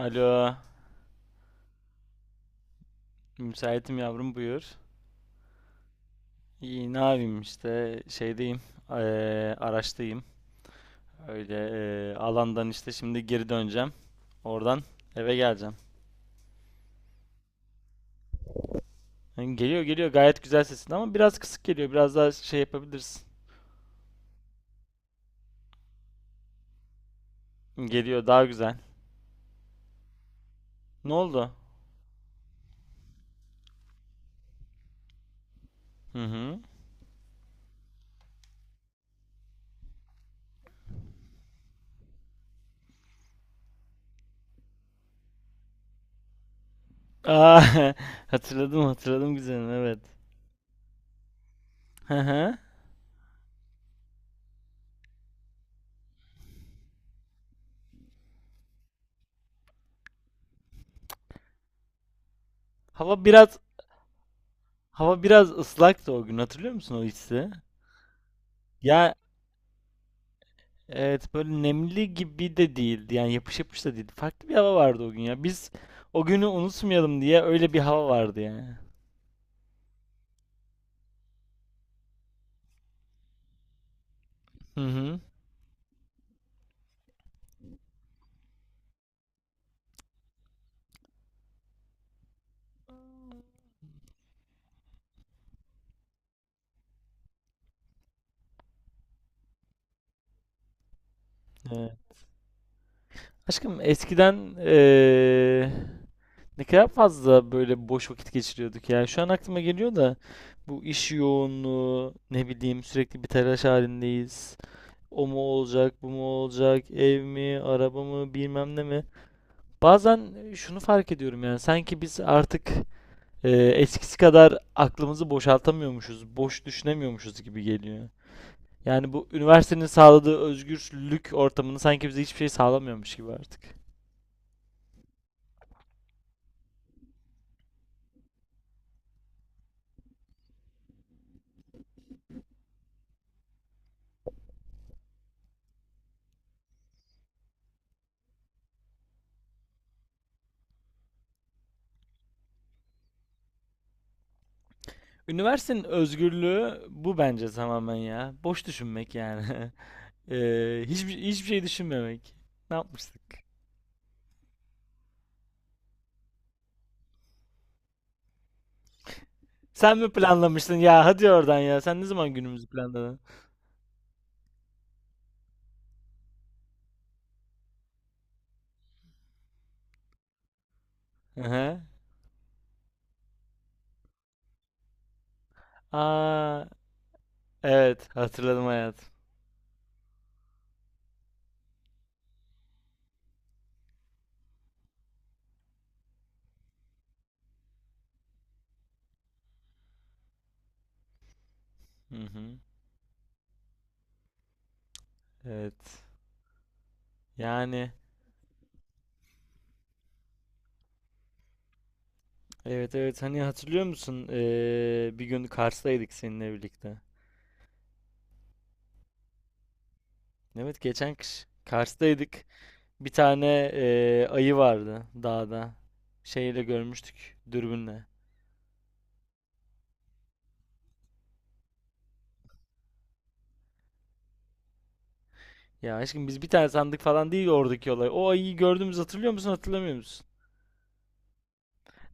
Alo, müsaitim yavrum, buyur. İyi ne yapayım işte şeydeyim, araçtayım. Öyle, alandan işte şimdi geri döneceğim. Oradan eve geleceğim. Yani geliyor geliyor, gayet güzel sesin ama biraz kısık geliyor. Biraz daha şey yapabilirsin. Geliyor daha güzel. Ne oldu? Hı hı. Aa, hatırladım hatırladım güzelim, evet. Hı hı. Hava biraz hava biraz ıslaktı o gün, hatırlıyor musun o hissi? Ya, evet, böyle nemli gibi de değildi. Yani yapış yapış da değildi. Farklı bir hava vardı o gün ya. Biz o günü unutmayalım diye öyle bir hava vardı yani. Hı hı. Evet. Aşkım eskiden, ne kadar fazla böyle boş vakit geçiriyorduk ya. Şu an aklıma geliyor da, bu iş yoğunluğu, ne bileyim, sürekli bir telaş halindeyiz. O mu olacak, bu mu olacak, ev mi, araba mı, bilmem ne mi. Bazen şunu fark ediyorum, yani sanki biz artık, e, eskisi kadar aklımızı boşaltamıyormuşuz, boş düşünemiyormuşuz gibi geliyor. Yani bu üniversitenin sağladığı özgürlük ortamını sanki bize hiçbir şey sağlamıyormuş gibi artık. Üniversitenin özgürlüğü bu bence, tamamen ya. Boş düşünmek yani. Hiçbir şey düşünmemek. Ne yapmıştık? Sen mi planlamıştın ya? Hadi oradan ya. Sen ne zaman günümüzü planladın? Hı hı. Aa, evet. Hatırladım hayat. Hı hı. Evet. Yani, evet evet, hani hatırlıyor musun? Bir gün Kars'taydık seninle birlikte. Evet, geçen kış Kars'taydık. Bir tane ayı vardı dağda. Şeyle görmüştük, dürbünle. Ya aşkım, biz bir tane sandık falan değil oradaki olay. O ayıyı gördüğümüz, hatırlıyor musun hatırlamıyor musun?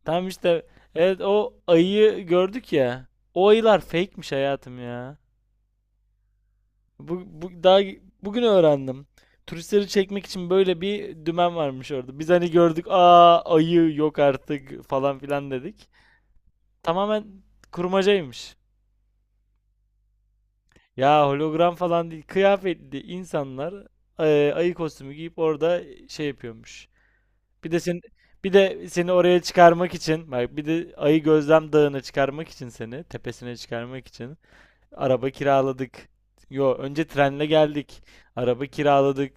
Tamam işte, evet o ayıyı gördük ya. O ayılar fake'miş hayatım ya. Bu daha bugün öğrendim. Turistleri çekmek için böyle bir dümen varmış orada. Biz hani gördük, aa ayı yok artık falan filan dedik. Tamamen kurmacaymış. Ya hologram falan değil, kıyafetli insanlar ayı kostümü giyip orada şey yapıyormuş. Bir de sen bir de seni oraya çıkarmak için, bak bir de ayı gözlem dağına çıkarmak için seni, tepesine çıkarmak için araba kiraladık. Yo, önce trenle geldik. Araba kiraladık.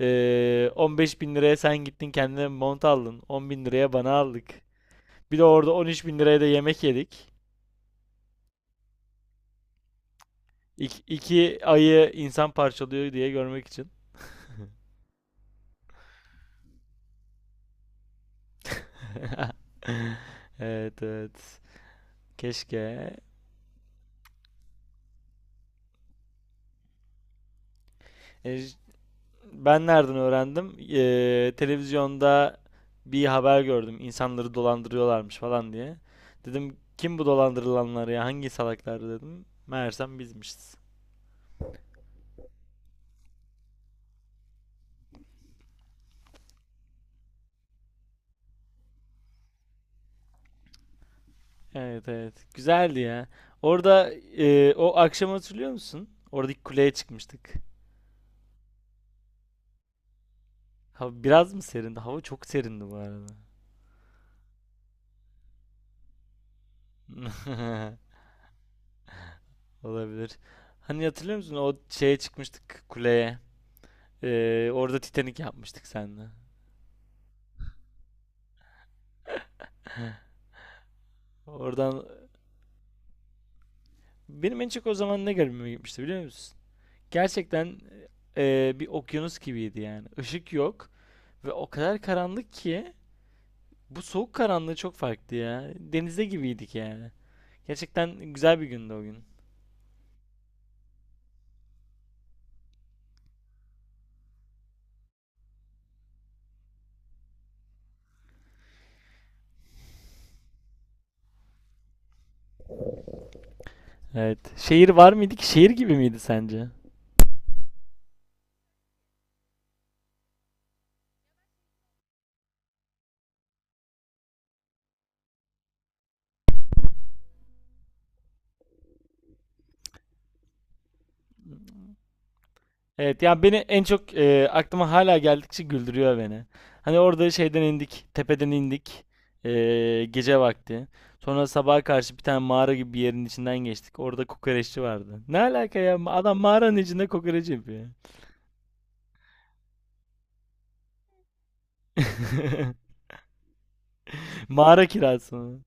15 bin liraya sen gittin kendine mont aldın. 10 bin liraya bana aldık. Bir de orada 13 bin liraya da yemek yedik. İki ayı insan parçalıyor diye görmek için. Evet evet. Keşke. E, Ben nereden öğrendim? Televizyonda bir haber gördüm. İnsanları dolandırıyorlarmış falan diye. Dedim kim bu dolandırılanlar ya? Hangi salaklar dedim. Meğersem bizmişiz. Evet evet. Güzeldi ya. Orada, o akşam hatırlıyor musun? Oradaki kuleye çıkmıştık. Hava biraz mı serindi? Hava çok serindi bu arada. Olabilir. Hani hatırlıyor musun? O şeye çıkmıştık, kuleye. Orada Titanik yapmıştık seninle. Oradan. Benim en çok o zaman ne garibime gitmişti biliyor musun? Gerçekten bir okyanus gibiydi yani. Işık yok ve o kadar karanlık ki bu soğuk karanlığı çok farklı ya. Denizde gibiydik yani. Gerçekten güzel bir gündü o gün. Evet. Şehir var mıydı ki? Şehir gibi miydi sence? Evet ya, beni en çok aklıma hala geldikçe güldürüyor beni. Hani orada şeyden indik, tepeden indik. Gece vakti. Sonra sabaha karşı bir tane mağara gibi bir yerin içinden geçtik. Orada kokoreççi vardı. Ne alaka ya? Adam mağaranın içinde kokoreç yapıyor. Mağara kirası mı?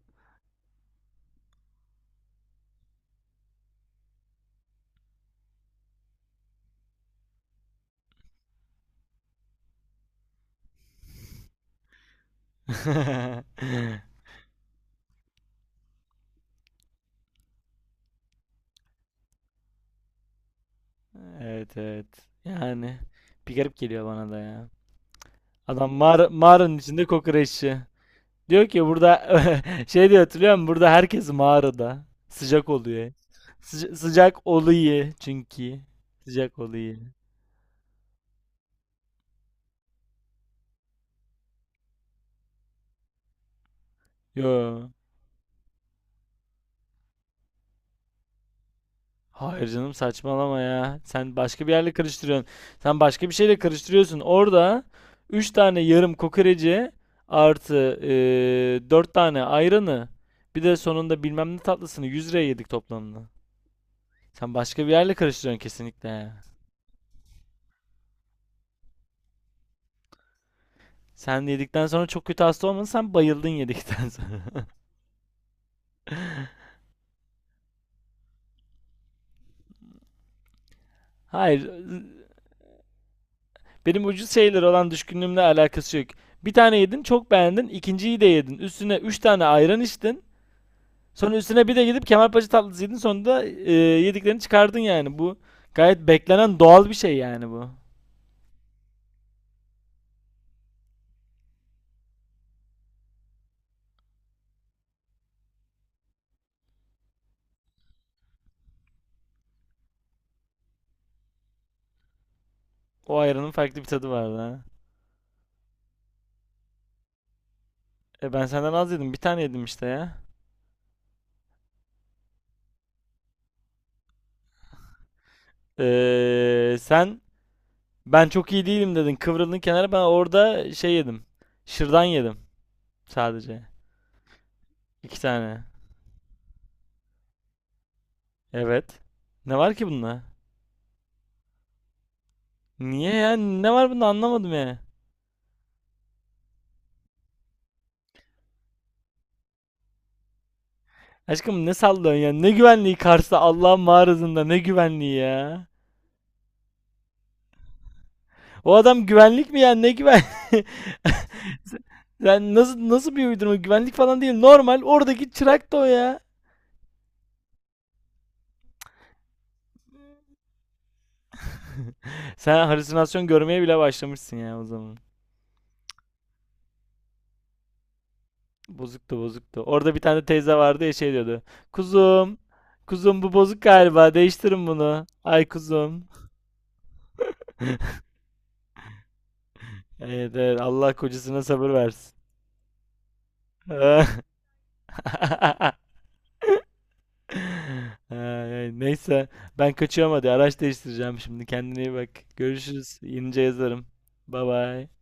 Evet evet. Yani bir garip geliyor bana da ya. Adam mağaranın içinde kokoreççi. Diyor ki burada, şey diyor, hatırlıyor musun? Burada herkes mağarada. Sıcak oluyor. Sıcak oluyor çünkü. Sıcak oluyor. Yo. Hayır canım, saçmalama ya. Sen başka bir yerle karıştırıyorsun. Sen başka bir şeyle karıştırıyorsun. Orada 3 tane yarım kokoreci, artı 4 tane ayranı, bir de sonunda bilmem ne tatlısını 100 liraya yedik toplamda. Sen başka bir yerle karıştırıyorsun kesinlikle. Sen yedikten sonra çok kötü hasta olmadın. Sen bayıldın yedikten sonra. Hayır. Benim ucuz şeylere olan düşkünlüğümle alakası yok. Bir tane yedin, çok beğendin. İkinciyi de yedin. Üstüne üç tane ayran içtin. Sonra üstüne bir de gidip kemalpaşa tatlısı yedin. Sonunda yediklerini çıkardın yani. Bu gayet beklenen doğal bir şey yani bu. O ayranın farklı bir tadı vardı ha. E, ben senden az yedim. Bir tane yedim işte ya. Sen, ben çok iyi değilim dedin. Kıvrıldın kenara. Ben orada şey yedim. Şırdan yedim sadece. İki tane. Evet. Ne var ki bunda? Niye ya? Ne var bunda, anlamadım ya. Aşkım, ne sallıyorsun ya? Ne güvenliği, Kars'ta Allah'ın mağarasında ne güvenliği ya? O adam güvenlik mi ya? Ne güven? Sen nasıl, nasıl bir uydurma? Güvenlik falan değil. Normal oradaki çırak da o ya. Sen halüsinasyon görmeye bile başlamışsın ya o zaman. Bozuktu bozuktu. Orada bir tane teyze vardı ya, şey diyordu. Kuzum, kuzum bu bozuk galiba. Değiştirin bunu. Ay kuzum. Evet, evet. Allah kocasına sabır versin. Ay, neyse ben kaçıyorum, hadi araç değiştireceğim şimdi. Kendine iyi bak. Görüşürüz. Yenice yazarım. Bye bye.